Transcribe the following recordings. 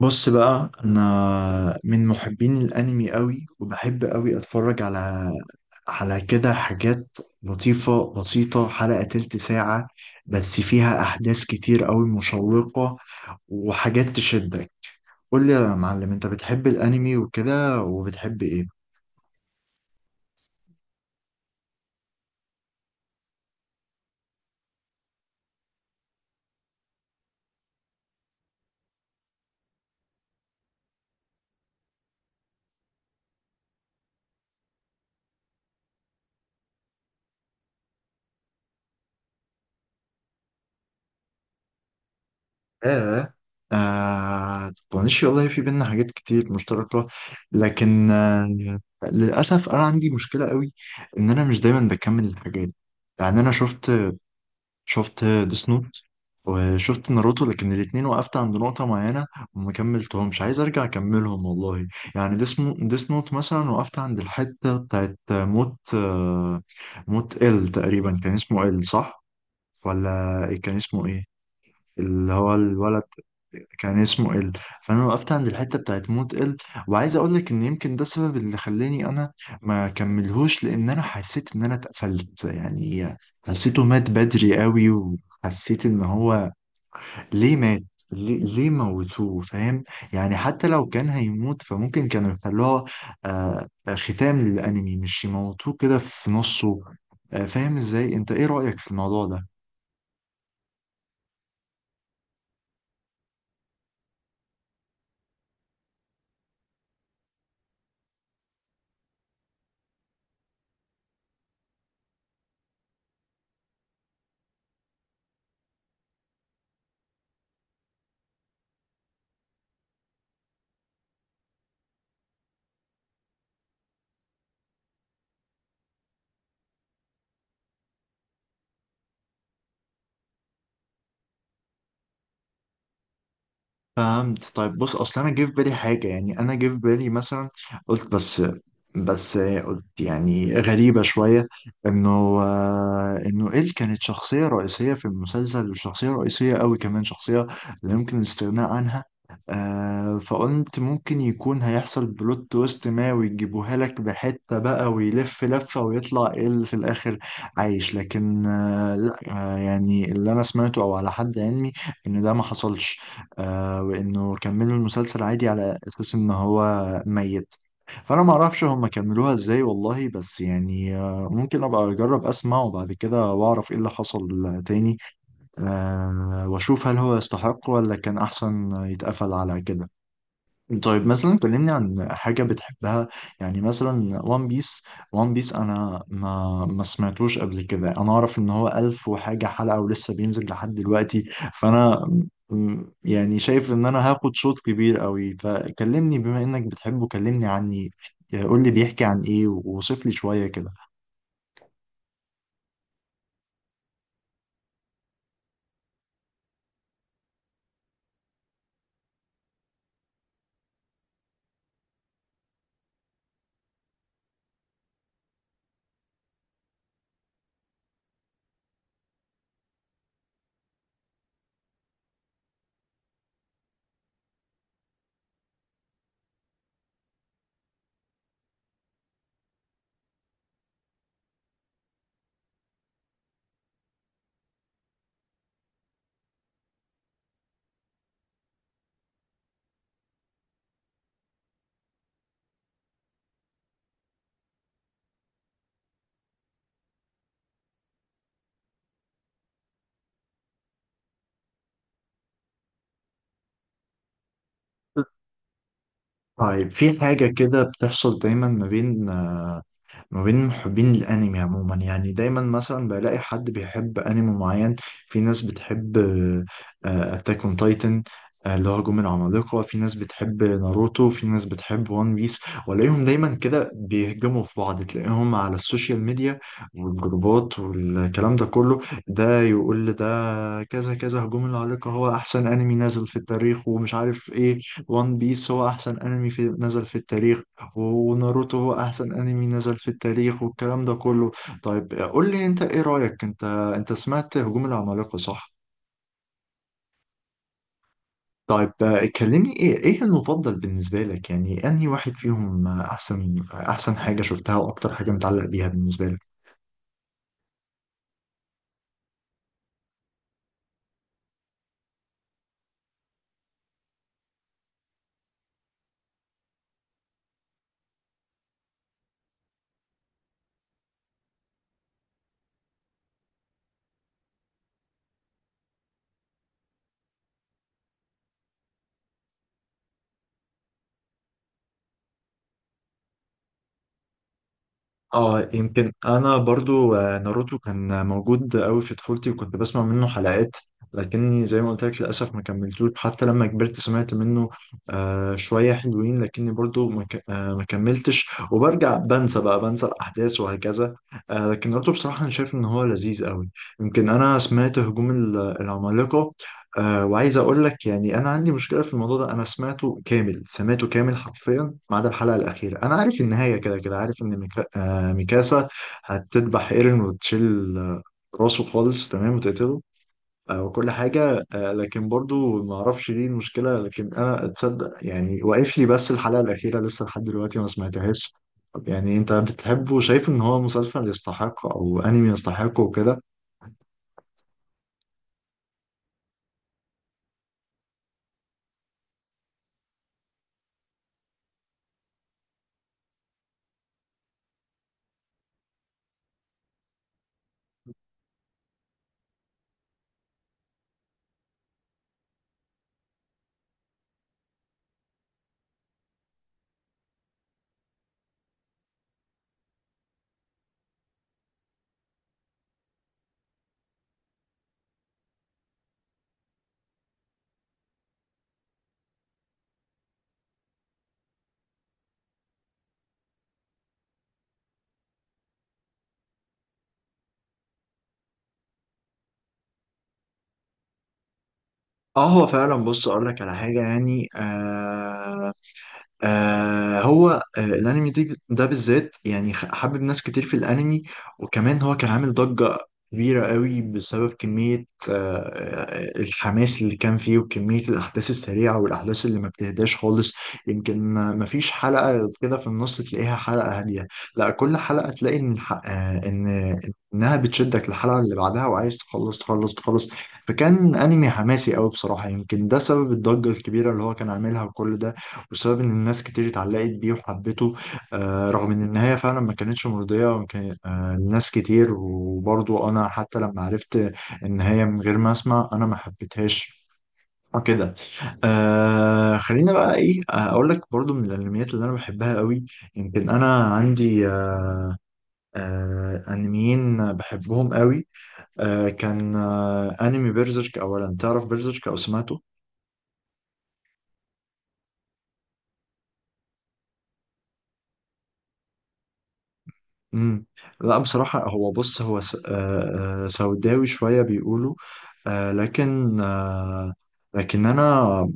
بص بقى، انا من محبين الانمي قوي، وبحب قوي اتفرج على كده حاجات لطيفة بسيطة، حلقة تلت ساعة بس فيها احداث كتير قوي مشوقة، وحاجات تشدك. قول لي يا معلم، انت بتحب الانمي وكده، وبتحب ايه؟ آه آه، طنش والله، في بينا حاجات كتير مشتركة. لكن للأسف أنا عندي مشكلة قوي، إن أنا مش دايما بكمل الحاجات. يعني أنا شفت ديس نوت، وشفت ناروتو، لكن الاتنين وقفت عند نقطة معينة، وما كملتهمش. عايز أرجع أكملهم والله. يعني ديس نوت مثلا، وقفت عند الحتة بتاعت موت، موت إل، تقريبا كان اسمه إل، صح؟ ولا إيه؟ كان اسمه إيه؟ اللي هو الولد، كان اسمه ال. فانا وقفت عند الحته بتاعت موت ال، وعايز اقول لك ان يمكن ده السبب اللي خلاني انا ما كملهوش، لان انا حسيت ان انا اتقفلت يعني. حسيته مات بدري قوي، وحسيت ان هو ليه مات، ليه موتوه، فاهم؟ يعني حتى لو كان هيموت، فممكن كانوا يخلوها آه ختام للانمي، مش يموتوه كده في نصه. فاهم ازاي؟ انت ايه رأيك في الموضوع ده؟ فهمت. طيب بص، اصل انا جه في بالي حاجه، يعني انا جه في بالي مثلا قلت، بس قلت يعني غريبه شويه، انه إيل كانت شخصيه رئيسيه في المسلسل، وشخصيه رئيسيه قوي كمان، شخصيه لا يمكن الاستغناء عنها. فقلت ممكن يكون هيحصل بلوت تويست ما، ويجيبوها لك بحته بقى، ويلف لفه ويطلع إيل في الاخر عايش. لكن لا، يعني اللي انا سمعته او على حد علمي ان ده ما حصلش. وانه كملوا المسلسل عادي، على اساس ان هو ميت. فانا ما اعرفش هم كملوها ازاي والله، بس يعني ممكن ابقى اجرب اسمع وبعد كده، واعرف ايه اللي حصل تاني. واشوف هل هو يستحق، ولا كان احسن يتقفل على كده. طيب مثلا كلمني عن حاجة بتحبها، يعني مثلا وان بيس. وان بيس أنا ما سمعتوش قبل كده، أنا أعرف إن هو 1000 وحاجة حلقة، ولسه بينزل لحد دلوقتي، فأنا يعني شايف إن أنا هاخد شوط كبير قوي، فكلمني بما إنك بتحبه، كلمني عني، قول لي بيحكي عن إيه، ووصف لي شوية كده. طيب، في حاجة كده بتحصل دايما ما بين محبين الانمي عموما، يعني دايما مثلا بلاقي حد بيحب انمي معين. في ناس بتحب اتاك اون تايتن اللي هو هجوم العمالقة، في ناس بتحب ناروتو، في ناس بتحب وان بيس، والاقيهم دايما كده بيهجموا في بعض، تلاقيهم على السوشيال ميديا والجروبات والكلام ده كله. ده يقول لي ده كذا كذا، هجوم العمالقة هو احسن انمي نزل في التاريخ ومش عارف ايه، وان بيس هو احسن انمي في نزل في التاريخ، وناروتو هو احسن انمي نزل في التاريخ، والكلام ده كله. طيب قول لي انت، ايه رأيك انت؟ انت سمعت هجوم العمالقة، صح؟ طيب كلمني، ايه المفضل بالنسبة لك، يعني انهي واحد فيهم؟ احسن حاجة شفتها، واكتر حاجة متعلق بيها بالنسبة لك؟ اه يمكن انا برضو ناروتو كان موجود قوي في طفولتي، وكنت بسمع منه حلقات، لكني زي ما قلت لك للاسف ما كملتوش. حتى لما كبرت سمعت منه شويه حلوين، لكني برضو ما ك- آه، ما كملتش، وبرجع بنسى بقى الاحداث وهكذا. لكن ناروتو بصراحه انا شايف ان هو لذيذ قوي. يمكن انا سمعت هجوم العمالقه، وعايز اقول لك يعني انا عندي مشكله في الموضوع ده. انا سمعته كامل، سمعته كامل حرفيا ما عدا الحلقه الاخيره. انا عارف النهايه كده كده، عارف ان ميكاسا هتذبح ايرين، وتشيل راسه خالص تمام، وتقتله. وكل حاجه. لكن برضو ما اعرفش، دي المشكله، لكن انا اتصدق يعني واقف لي بس الحلقه الاخيره، لسه لحد دلوقتي ما سمعتهاش. طب يعني انت بتحبه وشايف ان هو مسلسل يستحق، او انمي يستحقه وكده؟ اه هو فعلا، بص اقول لك على حاجه، يعني هو الانمي ده بالذات، يعني حبب ناس كتير في الانمي، وكمان هو كان عامل ضجة كبيرة قوي، بسبب كمية آه الحماس اللي كان فيه، وكمية الأحداث السريعة، والأحداث اللي ما بتهداش خالص. يمكن ما فيش حلقة كده في النص تلاقيها حلقة هادية، لا، كل حلقة تلاقي إن الح- آه إن إنها بتشدك للحلقة اللي بعدها، وعايز تخلص تخلص تخلص. فكان أنمي حماسي قوي بصراحة، يمكن ده سبب الضجة الكبيرة اللي هو كان عاملها، وكل ده بسبب ان الناس كتير اتعلقت بيه وحبته. رغم ان النهايه فعلا ما كانتش مرضيه، وكان الناس كتير، وبرضو انا حتى لما عرفت النهايه من غير ما اسمع، انا ما حبيتهاش وكده. خلينا بقى ايه، اقول لك برضو من الانميات اللي انا بحبها قوي. يمكن انا عندي انميين بحبهم قوي. كان انمي بيرزيرك اولا، تعرف بيرزيرك او سمعته؟ امم لا بصراحة، هو بص، هو سوداوي شوية بيقولوا، آه، لكن آه، لكن أنا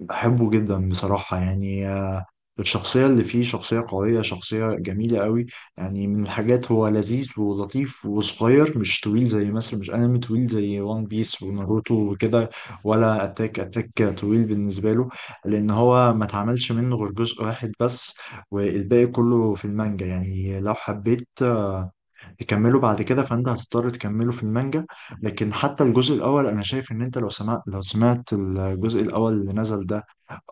بحبه جدا بصراحة، يعني الشخصية اللي فيه شخصية قوية، شخصية جميلة قوي. يعني من الحاجات هو لذيذ ولطيف وصغير، مش طويل زي مثلا، مش انمي طويل زي وان بيس وناروتو وكده، ولا اتاك طويل بالنسبة له، لأن هو ما اتعملش منه غير جزء واحد بس، والباقي كله في المانجا. يعني لو حبيت تكمله بعد كده، فانت هتضطر تكمله في المانجا، لكن حتى الجزء الاول انا شايف ان انت لو سمعت الجزء الاول اللي نزل ده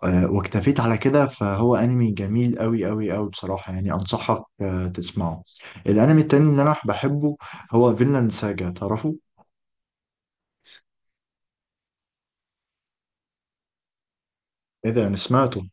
واكتفيت على كده، فهو انمي جميل قوي قوي قوي بصراحة، يعني انصحك تسمعه. الانمي التاني اللي انا بحبه هو فينلاند ساجا، تعرفه؟ ايه ده انا سمعته!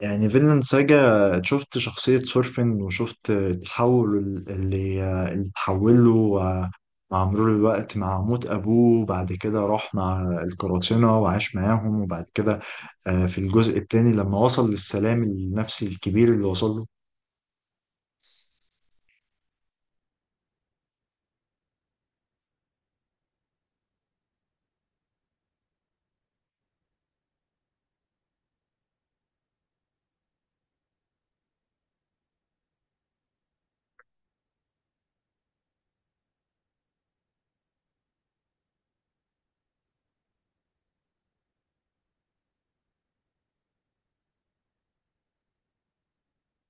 يعني فينلاند ساجا، شفت شخصية سورفن وشفت التحول اللي اتحوله مع مرور الوقت، مع موت أبوه، بعد كده راح مع القراصنة وعاش معاهم، وبعد كده في الجزء التاني لما وصل للسلام النفسي الكبير اللي وصل له.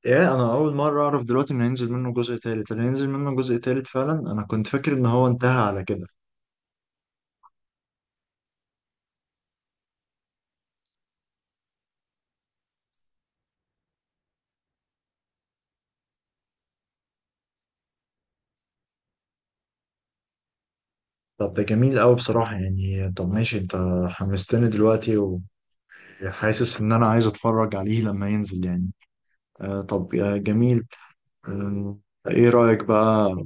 ايه، انا اول مره اعرف دلوقتي ان هينزل منه جزء تالت؟ اللي هينزل منه جزء تالت فعلا؟ انا كنت فاكر ان هو انتهى على كده. طب ده جميل قوي بصراحه، يعني طب ماشي، انت حمستني دلوقتي، وحاسس ان انا عايز اتفرج عليه لما ينزل يعني. طب يا جميل، آه ايه رايك بقى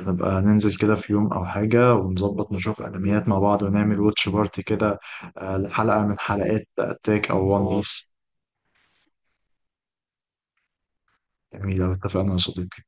نبقى ننزل كده في يوم او حاجه، ونظبط نشوف انميات مع بعض، ونعمل واتش بارتي كده، لحلقه من حلقات اتاك او وان خلاص بيس؟ جميل أوي، اتفقنا يا صديقي.